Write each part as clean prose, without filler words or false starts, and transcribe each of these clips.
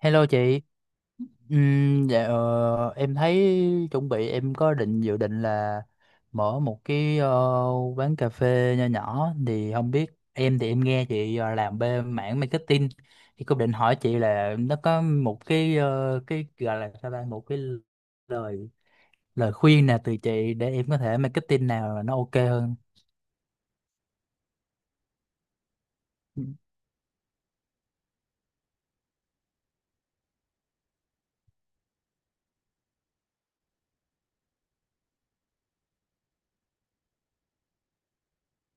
Hello chị. Dạ, em thấy chuẩn bị em có định dự định là mở một cái quán cà phê nho nhỏ. Thì không biết, em thì em nghe chị làm bên mảng marketing, thì cũng định hỏi chị là nó có một cái, cái gọi là sao ta, một cái lời lời khuyên nào từ chị để em có thể marketing nào là nó ok hơn.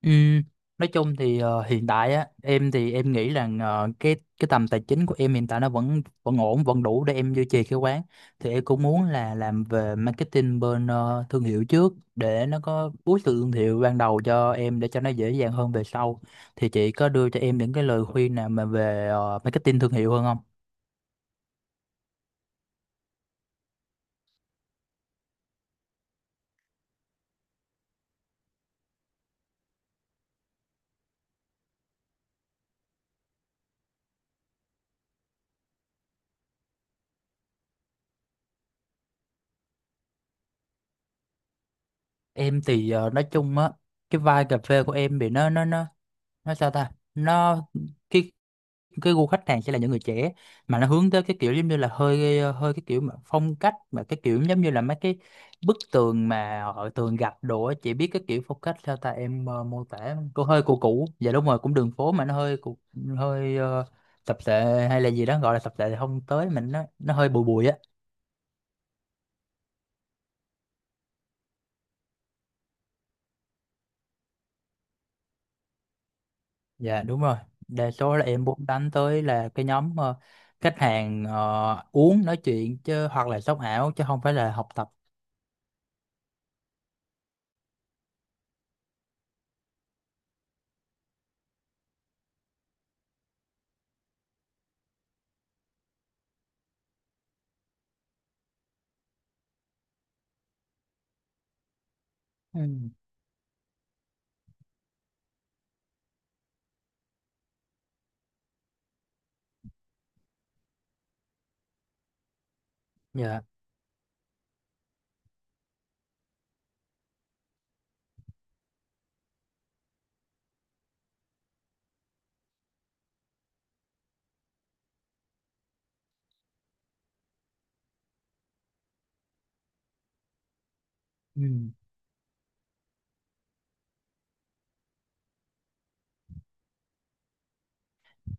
Ừm, nói chung thì hiện tại á em thì em nghĩ là cái tầm tài chính của em hiện tại nó vẫn vẫn ổn, vẫn đủ để em duy trì cái quán. Thì em cũng muốn là làm về marketing bên thương hiệu trước, để nó có boost từ thương hiệu ban đầu cho em, để cho nó dễ dàng hơn về sau. Thì chị có đưa cho em những cái lời khuyên nào mà về marketing thương hiệu hơn không? Em thì nói chung á, cái vibe cà phê của em thì nó sao ta, nó cái cái gu khách hàng sẽ là những người trẻ, mà nó hướng tới cái kiểu giống như là hơi hơi, cái kiểu mà phong cách, mà cái kiểu giống như là mấy cái bức tường mà họ thường gặp đồ á. Chị biết cái kiểu phong cách sao ta em mô tả không? Cô hơi cũ cũ, dạ đúng rồi, cũng đường phố mà nó hơi tập thể, hay là gì đó, gọi là tập thể thì không tới, mình nó hơi bụi bụi á. Dạ đúng rồi, đa số là em muốn đánh tới là cái nhóm khách hàng uống nói chuyện chứ, hoặc là sống ảo chứ không phải là học tập. Ừ. Dạ. Ừ.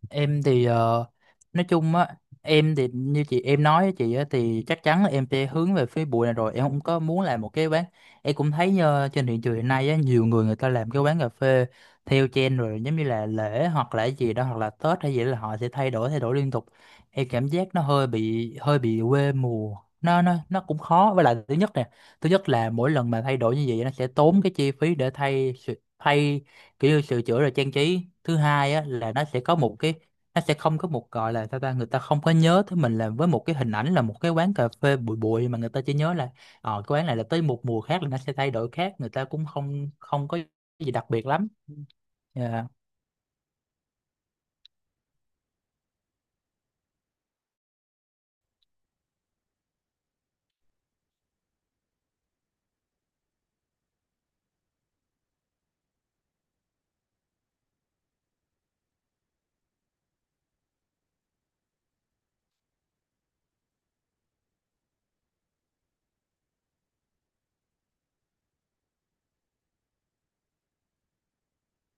Em thì nói chung á, em thì như chị em nói với chị á, thì chắc chắn là em sẽ hướng về phía bụi này rồi, em không có muốn làm một cái quán. Em cũng thấy trên thị trường hiện nay á, nhiều người người ta làm cái quán cà phê theo trend rồi, giống như là lễ hoặc là gì đó, hoặc là Tết hay gì đó, là họ sẽ thay đổi liên tục. Em cảm giác nó hơi bị quê mùa, nó cũng khó. Với lại thứ nhất nè, thứ nhất là mỗi lần mà thay đổi như vậy nó sẽ tốn cái chi phí để thay, kiểu như sửa chữa rồi trang trí. Thứ hai á là nó sẽ có một cái, nó sẽ không có một, gọi là sao ta, người ta không có nhớ tới mình là với một cái hình ảnh là một cái quán cà phê bụi bụi, mà người ta chỉ nhớ là cái quán này là tới một mùa khác là nó sẽ thay đổi khác, người ta cũng không không có gì đặc biệt lắm. Dạ.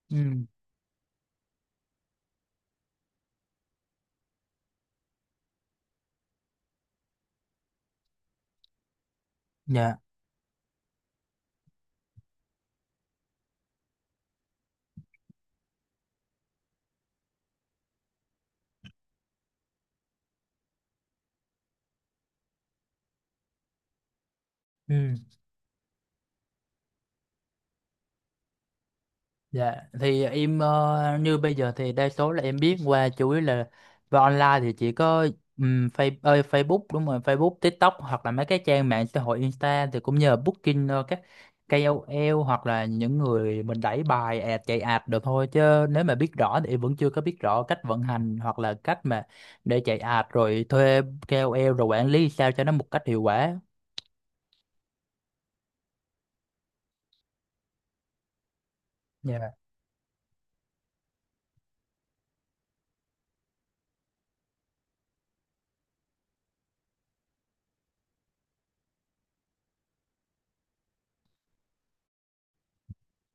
Ừ. Dạ. Ừ. Dạ, thì em như bây giờ thì đa số là em biết qua chủ yếu là về online thì chỉ có Facebook, đúng rồi, Facebook, TikTok hoặc là mấy cái trang mạng xã hội Insta. Thì cũng nhờ booking các KOL hoặc là những người mình đẩy bài ad, chạy ad được thôi. Chứ nếu mà biết rõ thì em vẫn chưa có biết rõ cách vận hành, hoặc là cách mà để chạy ad rồi thuê KOL rồi quản lý sao cho nó một cách hiệu quả. Dạ.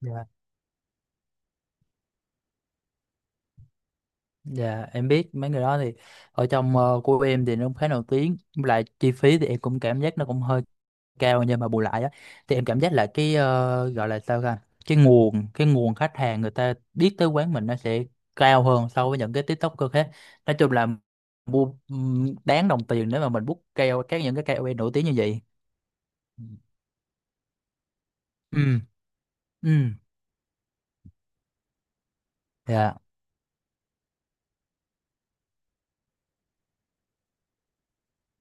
Dạ. Dạ em biết mấy người đó thì ở trong của em thì nó cũng khá nổi tiếng. Với lại chi phí thì em cũng cảm giác nó cũng hơi cao, nhưng mà bù lại á thì em cảm giác là cái gọi là sao ta, cái nguồn khách hàng người ta biết tới quán mình nó sẽ cao hơn so với những cái TikToker khác. Nói chung là mua, đáng đồng tiền nếu mà mình book keo các những cái KOL nổi tiếng như vậy. Ừ. Ừ. Dạ.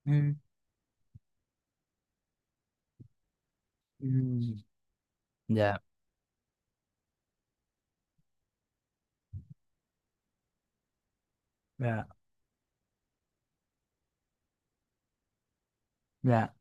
Ừ. Ừ. Dạ. Dạ. Dạ.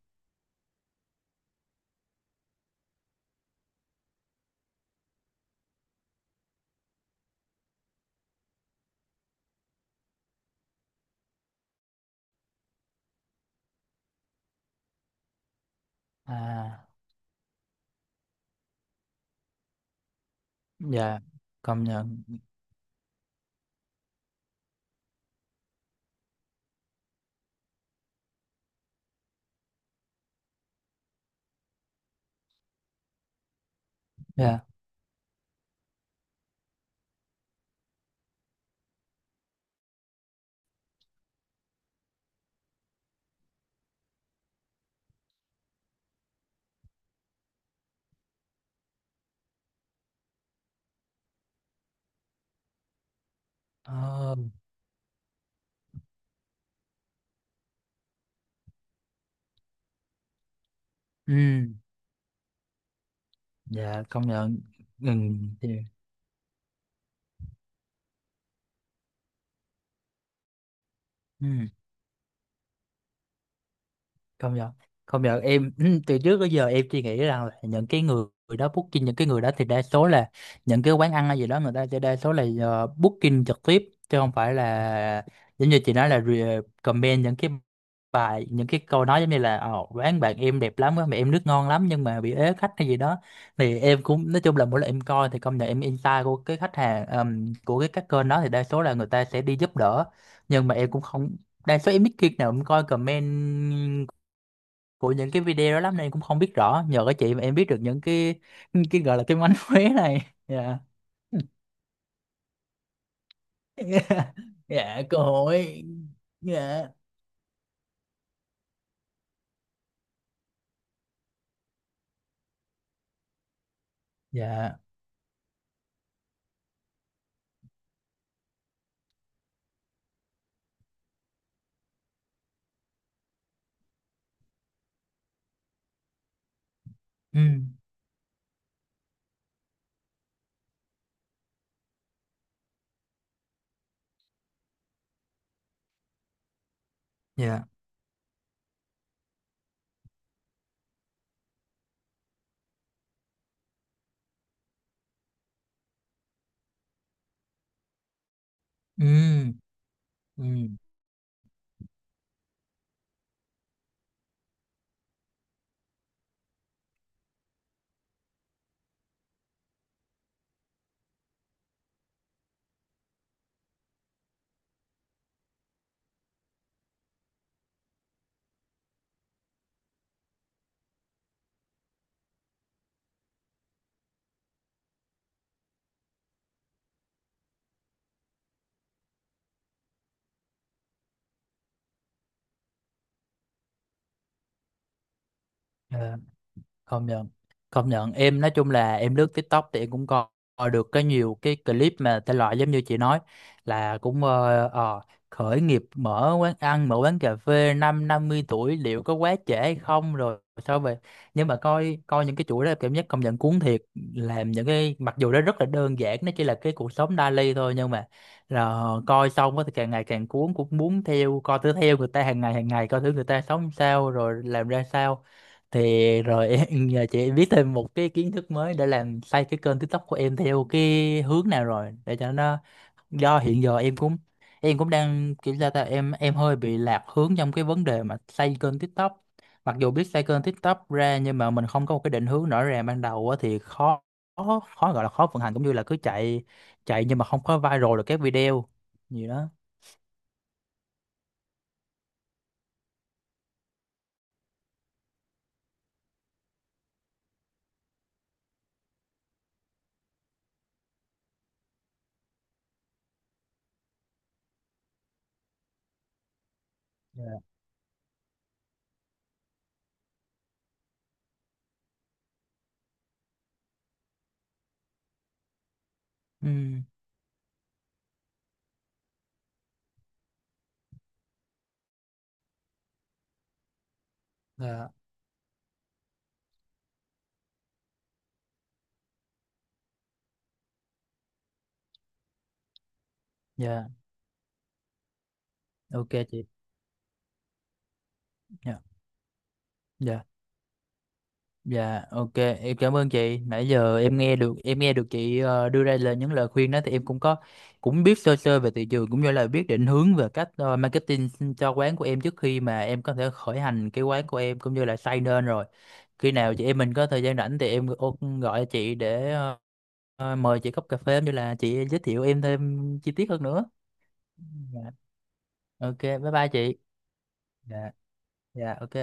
À. Dạ công nhận. Dạ. Ờ. Ừ. Dạ công nhận. Ừ thì. Ừ. Công nhận, công nhận em từ trước tới giờ em chỉ nghĩ rằng là những cái người đó booking, những cái người đó thì đa số là những cái quán ăn hay gì đó, người ta sẽ đa số là booking trực tiếp chứ không phải là giống như chị nói là comment những cái bài những cái câu nói giống như là: "Ồ, quán bạn em đẹp lắm, quán bạn em nước ngon lắm nhưng mà bị ế khách" hay gì đó. Thì em cũng nói chung là mỗi lần em coi thì công nhận em insight của cái khách hàng, của cái các kênh đó thì đa số là người ta sẽ đi giúp đỡ. Nhưng mà em cũng không, đa số em ít khi nào em coi comment của những cái video đó lắm, nên cũng không biết rõ. Nhờ các chị mà em biết được những cái gọi là cái mánh khóe này. Dạ. Dạ. Dạ cơ hội. Dạ. Dạ. Ừ. Dạ. Ừ. Ừ. Dạ. Công nhận, công nhận em nói chung là em lướt TikTok thì em cũng coi coi được cái nhiều cái clip mà thể loại giống như chị nói là cũng khởi nghiệp, mở quán ăn, mở quán cà phê năm 50 tuổi liệu có quá trễ hay không, rồi sao về. Nhưng mà coi coi những cái chuỗi đó cảm giác công nhận cuốn thiệt, làm những cái mặc dù nó rất là đơn giản, nó chỉ là cái cuộc sống daily thôi. Nhưng mà là coi xong á thì càng ngày càng cuốn, cũng muốn theo coi thử, theo người ta hàng ngày coi thử người ta sống sao rồi làm ra sao. Thì rồi em giờ chị biết thêm một cái kiến thức mới để làm xây cái kênh TikTok của em theo cái hướng nào rồi, để cho nó, do hiện giờ em cũng, đang kiểu sao ta, em hơi bị lạc hướng trong cái vấn đề mà xây kênh TikTok. Mặc dù biết xây kênh TikTok ra nhưng mà mình không có một cái định hướng rõ ràng ban đầu á thì khó khó gọi là khó vận hành, cũng như là cứ chạy chạy nhưng mà không có viral được các video gì đó. Dạ. Ừ. Dạ. Dạ ok chị. Dạ. Dạ. Dạ ok, em cảm ơn chị. Nãy giờ em nghe được, chị đưa ra những lời khuyên đó, thì em cũng có, cũng biết sơ sơ về thị trường, cũng như là biết định hướng về cách marketing cho quán của em trước khi mà em có thể khởi hành cái quán của em, cũng như là xây nên rồi. Khi nào chị em mình có thời gian rảnh thì em gọi chị để mời chị cốc cà phê, cũng như là chị giới thiệu em thêm chi tiết hơn nữa. Dạ. Ok bye bye chị. Dạ. Dạ ok.